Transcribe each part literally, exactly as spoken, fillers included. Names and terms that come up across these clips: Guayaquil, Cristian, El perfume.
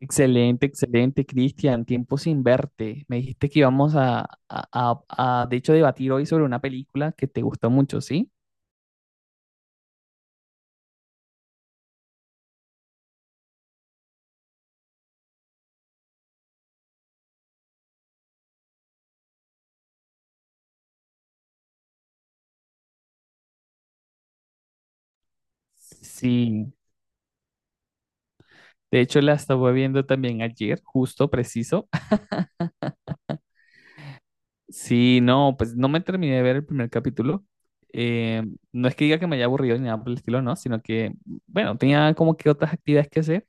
Excelente, excelente, Cristian. Tiempo sin verte. Me dijiste que íbamos a, a- a- a, de hecho, debatir hoy sobre una película que te gustó mucho, ¿sí? Sí. De hecho, la estaba viendo también ayer, justo, preciso. Sí, no, pues no me terminé de ver el primer capítulo. Eh, no es que diga que me haya aburrido ni nada por el estilo, no, sino que, bueno, tenía como que otras actividades que hacer.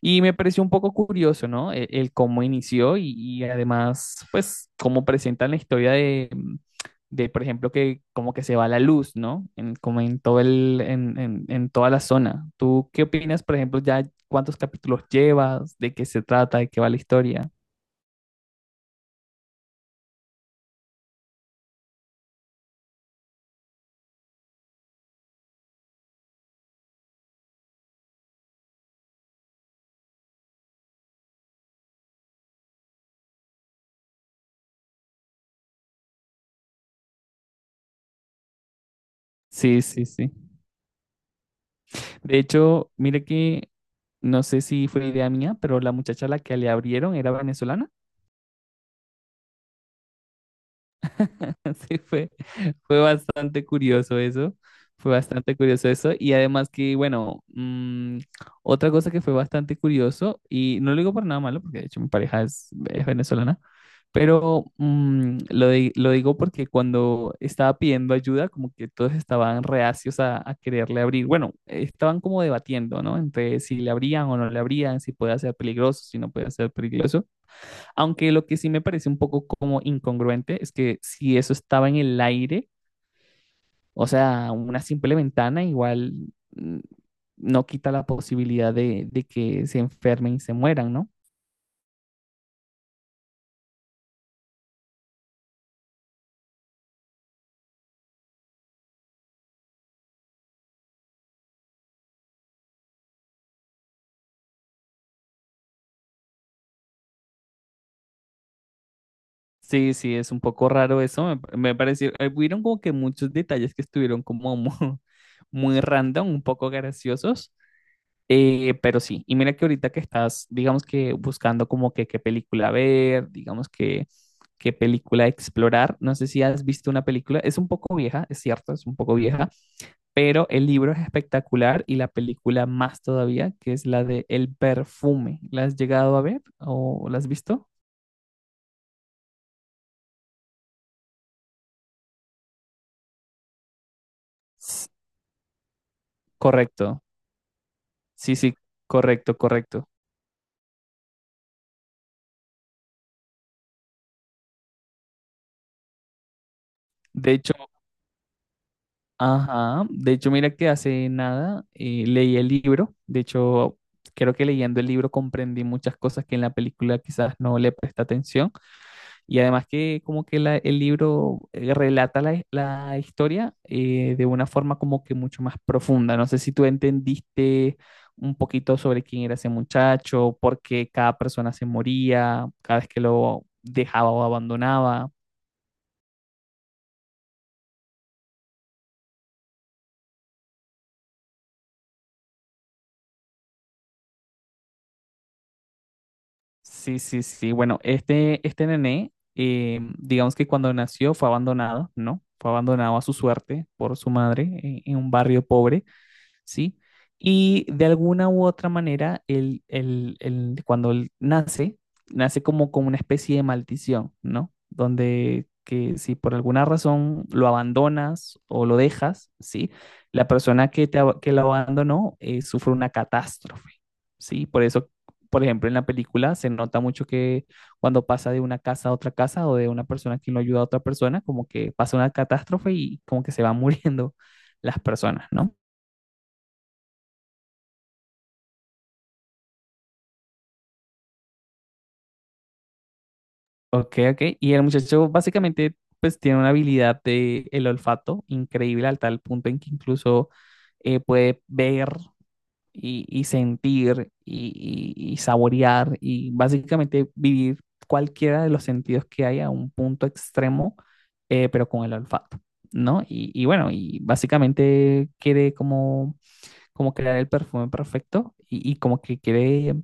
Y me pareció un poco curioso, ¿no? El, el cómo inició y, y además, pues, cómo presentan la historia de, de, por ejemplo, que como que se va la luz, ¿no? En, como en todo el, en, en, en toda la zona. ¿Tú qué opinas, por ejemplo, ya cuántos capítulos llevas, de qué se trata, de qué va la historia? Sí, sí, sí. De hecho, mire que no sé si fue idea mía, pero la muchacha a la que le abrieron era venezolana. Sí, fue, fue bastante curioso eso, fue bastante curioso eso. Y además que, bueno, mm, otra cosa que fue bastante curioso, y no lo digo por nada malo, porque de hecho mi pareja es, es venezolana, pero mm, lo, di- lo digo porque cuando estaba pidiendo ayuda, como que todos estaban reacios a, a quererle abrir. Bueno, estaban como debatiendo, ¿no? Entre si le abrían o no le abrían, si puede ser peligroso, si no puede ser peligroso. Aunque lo que sí me parece un poco como incongruente es que si eso estaba en el aire, o sea, una simple ventana igual mm, no quita la posibilidad de, de que se enfermen y se mueran, ¿no? Sí, sí, es un poco raro eso. Me, me pareció, eh, hubieron como que muchos detalles que estuvieron como mu- muy random, un poco graciosos. Eh, pero sí, y mira que ahorita que estás, digamos que buscando como que qué película ver, digamos que qué película explorar, no sé si has visto una película, es un poco vieja, es cierto, es un poco vieja, pero el libro es espectacular y la película más todavía, que es la de El perfume. ¿La has llegado a ver o la has visto? S- Correcto, sí, sí, correcto, correcto. De hecho, ajá, de hecho, mira que hace nada eh, leí el libro, de hecho, creo que leyendo el libro comprendí muchas cosas que en la película quizás no le presta atención y además que como que la- el libro eh, relata la, la historia eh, de una forma como que mucho más profunda. No sé si tú entendiste un poquito sobre quién era ese muchacho, por qué cada persona se moría cada vez que lo dejaba o abandonaba. Sí, sí, sí. Bueno, este, este nené, eh, digamos que cuando nació fue abandonado, ¿no? Fue abandonado a su suerte por su madre en, en un barrio pobre. ¿Sí? Y de alguna u otra manera, él, él- él- cuando él nace, nace como con una especie de maldición, ¿no? Donde que si por alguna razón lo abandonas o lo dejas, ¿sí? La persona que, te, ab- que lo abandonó eh, sufre una catástrofe, ¿sí? Por eso, por ejemplo, en la película se nota mucho que cuando pasa de una casa a otra casa o de una persona que no ayuda a otra persona, como que pasa una catástrofe y como que se van muriendo las personas, ¿no? Ok, ok. Y el muchacho básicamente pues tiene una habilidad de el olfato increíble al tal punto en que incluso eh, puede ver y, y sentir y, y- y saborear y básicamente vivir cualquiera de los sentidos que hay a un punto extremo, eh, pero con el olfato, ¿no? Y, y bueno, y básicamente quiere como, como crear el perfume perfecto y, y como que quiere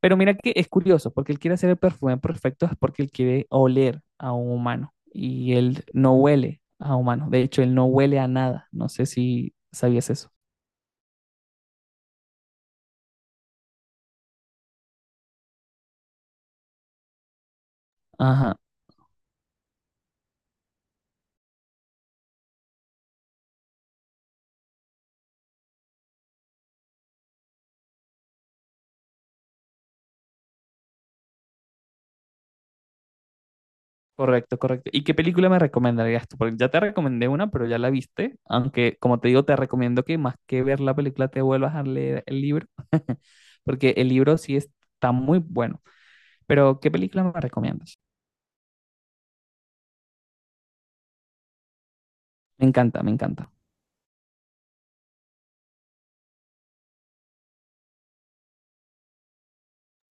pero mira que es curioso, porque él quiere hacer el perfume perfecto es porque él quiere oler a un humano y él no huele a humano. De hecho, él no huele a nada. No sé si sabías eso. Ajá, correcto, correcto. ¿Y qué película me recomendarías tú? Porque ya te recomendé una, pero ya la viste. Aunque, como te digo, te recomiendo que más que ver la película te vuelvas a leer el libro, porque el libro sí está muy bueno. Pero, ¿qué película me recomiendas? Me encanta, me encanta.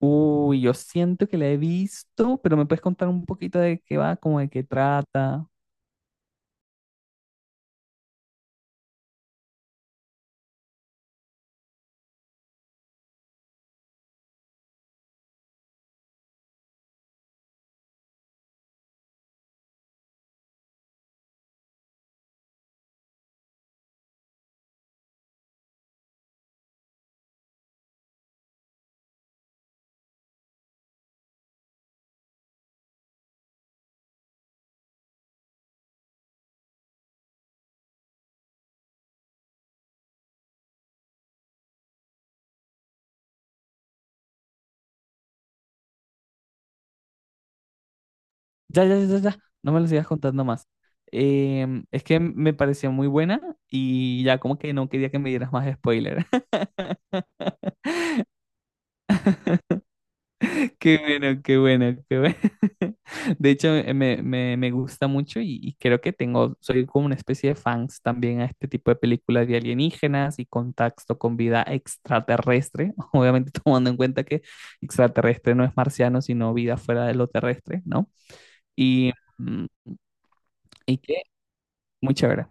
Uy, yo siento que la he visto, pero me puedes contar un poquito de qué va, como de qué trata. Ya, ya, ya, ya, ya, no me lo sigas contando más. Em, es que me pareció muy buena y ya como que no quería que me dieras más spoiler. Qué bueno, qué bueno, qué bueno. De hecho, eh, me, me- me gusta mucho y, y creo que tengo, soy como una especie de fans también a este tipo de películas de alienígenas y contacto con vida extraterrestre, obviamente tomando en cuenta que extraterrestre no es marciano, sino vida fuera de lo terrestre, ¿no? Y, mm, y que, muy chévere.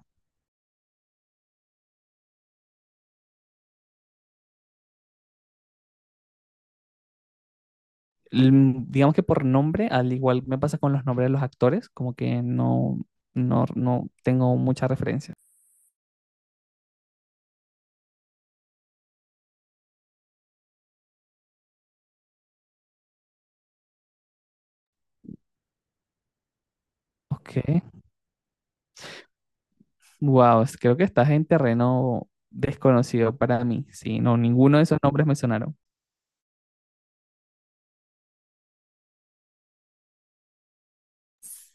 Mm, Digamos que por nombre, al igual me pasa con los nombres de los actores, como que no, no, no tengo mucha referencia. Ok. Wow, creo que estás en terreno desconocido para mí. Sí, no, ninguno de esos nombres me sonaron.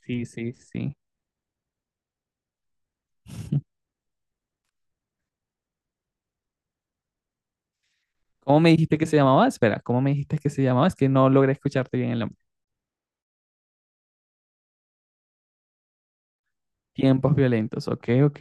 Sí, sí, sí. ¿Cómo me dijiste que se llamaba? Espera, ¿cómo me dijiste que se llamaba? Es que no logré escucharte bien el nombre. Tiempos violentos, ok, ok.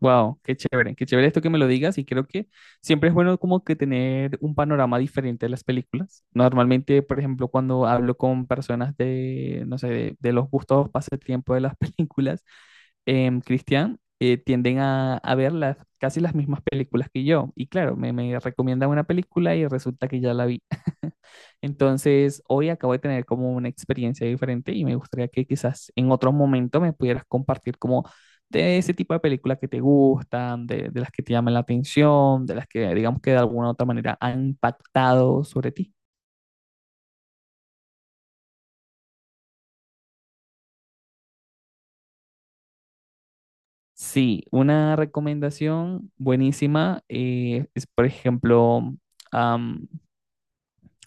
Wow, qué chévere, qué chévere esto que me lo digas y creo que siempre es bueno como que tener un panorama diferente de las películas. Normalmente, por ejemplo, cuando hablo con personas de, no sé, de, de los gustos pasatiempo de las películas, em, Cristian, eh, tienden a, a ver las, casi las mismas películas que yo. Y claro, me, me recomiendan una película y resulta que ya la vi. Entonces, hoy acabo de tener como una experiencia diferente y me gustaría que quizás en otro momento me pudieras compartir como de ese tipo de películas que te gustan, de, de las que te llaman la atención, de las que digamos que de alguna u otra manera han impactado sobre ti. Sí, una recomendación buenísima eh, es, por ejemplo, am,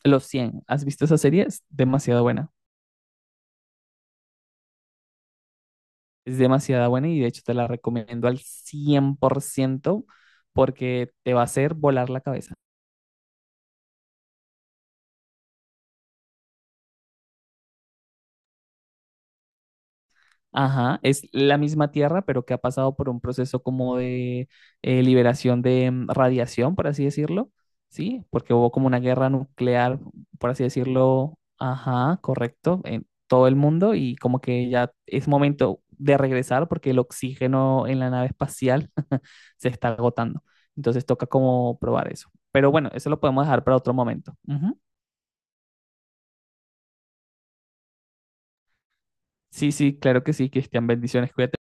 Los cien. ¿Has visto esa serie? Es demasiado buena. Es demasiado buena y de hecho te la recomiendo al cien por ciento porque te va a hacer volar la cabeza. Ajá, es la misma Tierra, pero que ha pasado por un proceso como de eh, liberación de mm, radiación, por así decirlo, ¿sí? Porque hubo como una guerra nuclear, por así decirlo, ajá, correcto, en todo el mundo y como que ya es momento de regresar porque el oxígeno en la nave espacial se está agotando. Entonces toca como probar eso. Pero bueno, eso lo podemos dejar para otro momento. Ujú. Sí, sí, claro que sí, Cristian, bendiciones, cuídate.